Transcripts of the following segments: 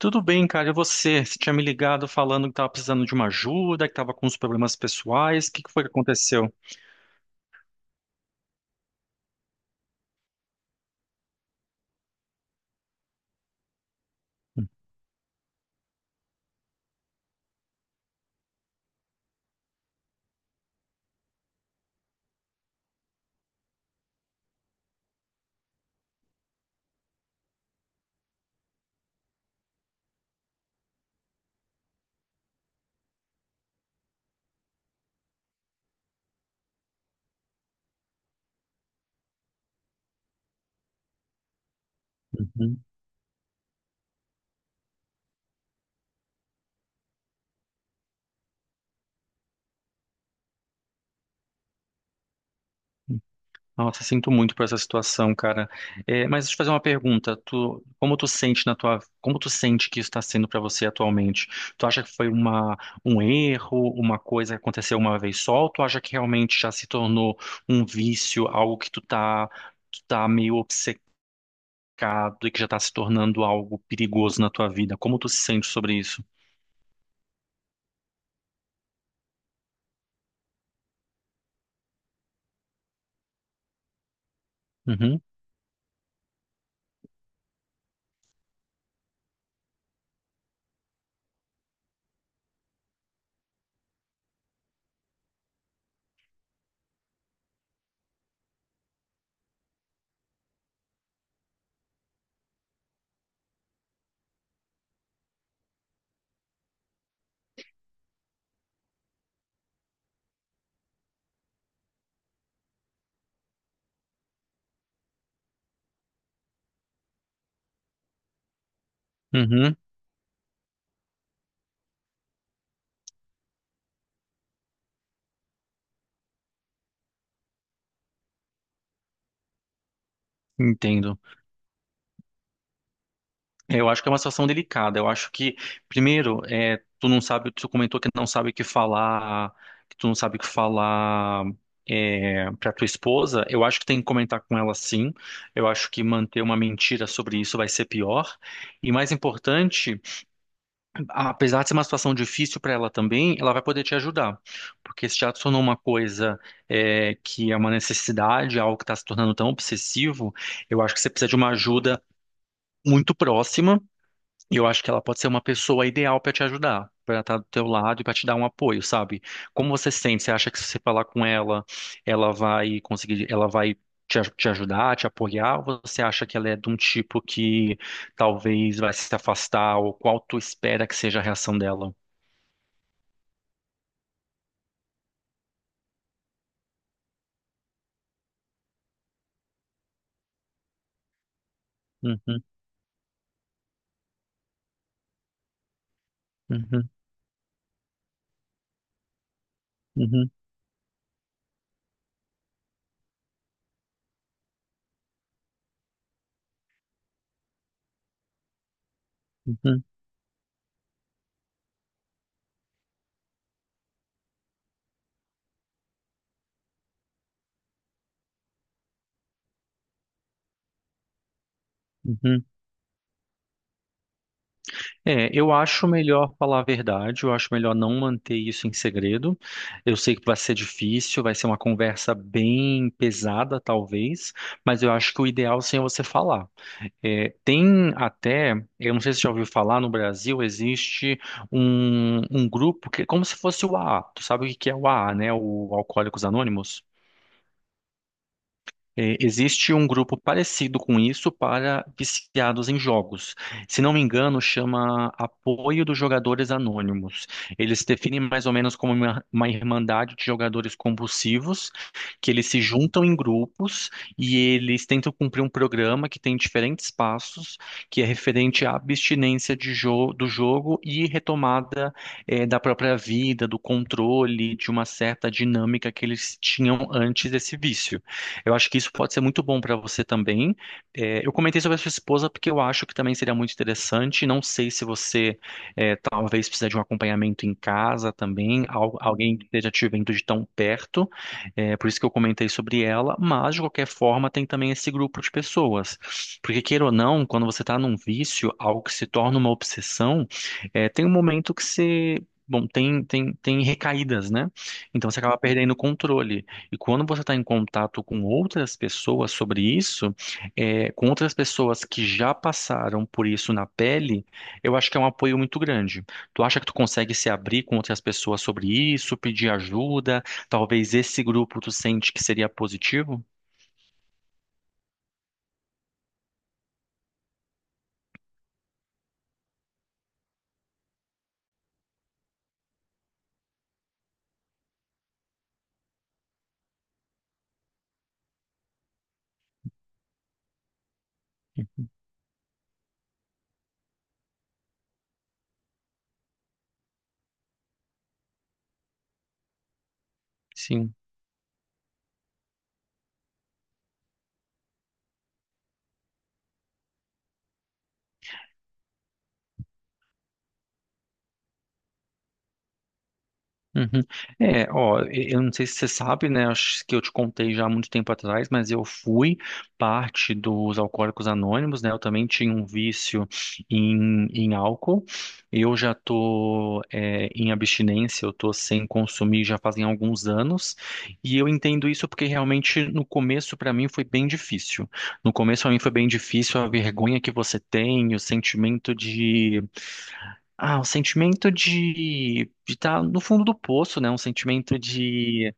Tudo bem, cara. E você? Você tinha me ligado falando que estava precisando de uma ajuda, que estava com uns problemas pessoais. O que foi que aconteceu? Uhum. Nossa, sinto muito por essa situação, cara. É, mas deixa eu fazer uma pergunta. Tu, como tu sente que isso está sendo para você atualmente? Tu acha que foi uma, um erro, uma coisa que aconteceu uma vez só? Ou tu acha que realmente já se tornou um vício, algo que tu tá meio obcecado, complicado, e que já está se tornando algo perigoso na tua vida? Como tu se sente sobre isso? Uhum, uhum, Entendo. Eu acho que é uma situação delicada. Eu acho que, primeiro, é, Tu não sabe, tu comentou que não sabe o que falar, que tu não sabe o que falar. É, para tua esposa, eu acho que tem que comentar com ela, sim. Eu acho que manter uma mentira sobre isso vai ser pior. E mais importante, apesar de ser uma situação difícil para ela também, ela vai poder te ajudar, porque se te adicionou uma coisa que é uma necessidade, algo que está se tornando tão obsessivo, eu acho que você precisa de uma ajuda muito próxima, e eu acho que ela pode ser uma pessoa ideal para te ajudar, para estar do teu lado e para te dar um apoio, sabe? Como você se sente? Você acha que, se você falar com ela, ela vai te ajudar, te apoiar? Ou você acha que ela é de um tipo que talvez vai se afastar? Ou qual tu espera que seja a reação dela? Uhum, uhum, uhum, uhum, uhum. É, eu acho melhor falar a verdade, eu acho melhor não manter isso em segredo. Eu sei que vai ser difícil, vai ser uma conversa bem pesada, talvez, mas eu acho que o ideal, sim, é você falar. É, tem até, eu não sei se você já ouviu falar, no Brasil existe um grupo que é como se fosse o AA. Tu sabe o que que é o AA, né? O Alcoólicos Anônimos? É, existe um grupo parecido com isso para viciados em jogos. Se não me engano, chama Apoio dos Jogadores Anônimos. Eles definem mais ou menos como uma irmandade de jogadores compulsivos, que eles se juntam em grupos e eles tentam cumprir um programa que tem diferentes passos, que é referente à do jogo e retomada, da própria vida, do controle, de uma certa dinâmica que eles tinham antes desse vício. Eu acho que isso pode ser muito bom para você também. Eu comentei sobre a sua esposa porque eu acho que também seria muito interessante. Não sei se você talvez precisa de um acompanhamento em casa também, alguém que esteja te vendo de tão perto. É, por isso que eu comentei sobre ela. Mas de qualquer forma tem também esse grupo de pessoas, porque queira ou não, quando você está num vício, algo que se torna uma obsessão, é, tem um momento que você Bom, tem recaídas, né? Então você acaba perdendo o controle. E quando você está em contato com outras pessoas sobre isso, com outras pessoas que já passaram por isso na pele, eu acho que é um apoio muito grande. Tu acha que tu consegue se abrir com outras pessoas sobre isso, pedir ajuda? Talvez esse grupo tu sente que seria positivo? Sim. Uhum. Eu não sei se você sabe, né? Acho que eu te contei já há muito tempo atrás, mas eu fui parte dos Alcoólicos Anônimos, né? Eu também tinha um vício em álcool. Eu já tô, é, em abstinência, eu tô sem consumir já fazem alguns anos. E eu entendo isso porque realmente no começo para mim foi bem difícil. No começo para mim foi bem difícil a vergonha que você tem, o sentimento de um sentimento de estar no fundo do poço, né?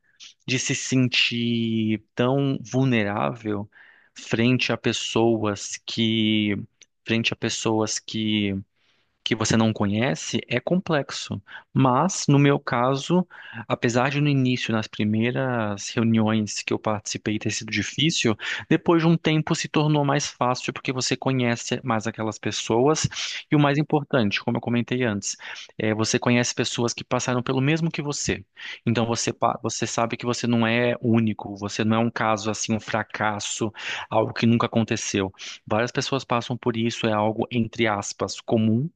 De se sentir tão vulnerável frente a pessoas que, frente a pessoas que você não conhece, é complexo. Mas, no meu caso, apesar de no início, nas primeiras reuniões que eu participei, ter sido difícil, depois de um tempo se tornou mais fácil porque você conhece mais aquelas pessoas. E o mais importante, como eu comentei antes, é você conhece pessoas que passaram pelo mesmo que você. Então você, você sabe que você não é único, você não é um caso assim, um fracasso, algo que nunca aconteceu. Várias pessoas passam por isso, é algo entre aspas comum,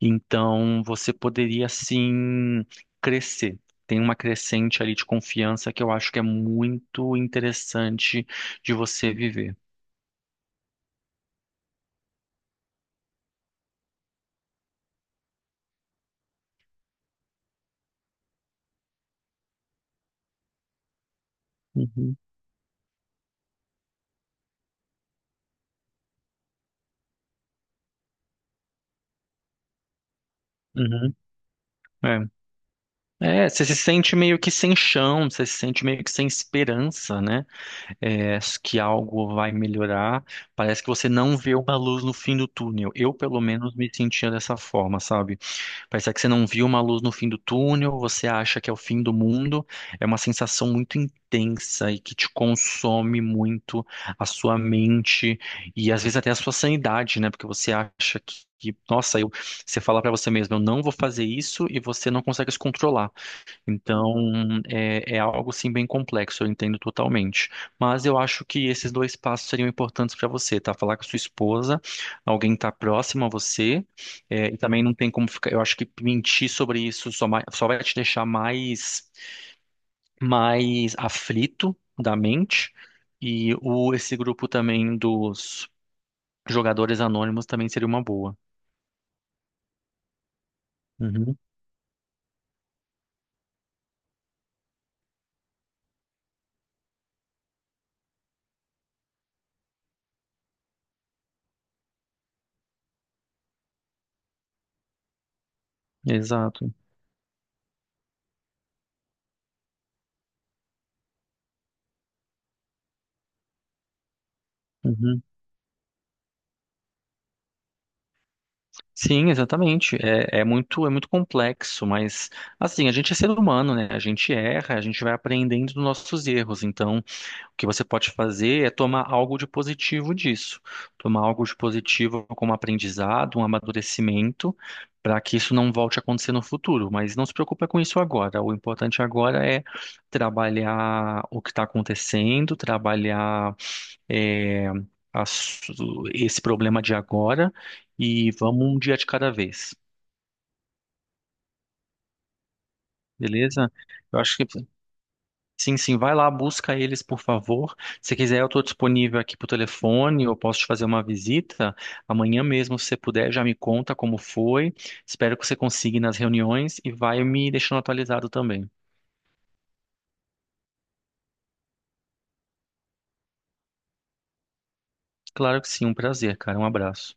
então você poderia sim crescer. Tem uma crescente ali de confiança que eu acho que é muito interessante de você viver. Uhum, uhum, É. É, você se sente meio que sem chão, você se sente meio que sem esperança, né? É, que algo vai melhorar. Parece que você não vê uma luz no fim do túnel. Eu, pelo menos, me sentia dessa forma, sabe? Parece que você não viu uma luz no fim do túnel, você acha que é o fim do mundo. É uma sensação muito intensa e que te consome muito a sua mente e às vezes até a sua sanidade, né? Porque você acha que nossa, você fala pra você mesmo, eu não vou fazer isso, e você não consegue se controlar. É algo sim bem complexo, eu entendo totalmente. Mas eu acho que esses dois passos seriam importantes para você, tá? Falar com a sua esposa, alguém tá próximo a você, e também não tem como ficar. Eu acho que mentir sobre isso só, só vai te deixar mais, mais aflito da mente. Esse grupo também dos jogadores anônimos também seria uma boa. Uhum, exato. Uhum. Sim, exatamente. É muito complexo, mas, assim, a gente é ser humano, né? A gente erra, a gente vai aprendendo dos nossos erros. Então, o que você pode fazer é tomar algo de positivo disso, tomar algo de positivo como aprendizado, um amadurecimento, para que isso não volte a acontecer no futuro. Mas não se preocupa com isso agora. O importante agora é trabalhar o que está acontecendo, trabalhar é, as- esse problema de agora, e vamos um dia de cada vez, beleza? Eu acho que sim, sim, vai lá, busca eles, por favor. Se quiser, eu estou disponível aqui por telefone, eu posso te fazer uma visita amanhã mesmo, se você puder, já me conta como foi. Espero que você consiga ir nas reuniões e vai me deixando atualizado também. Claro que sim, um prazer, cara. Um abraço.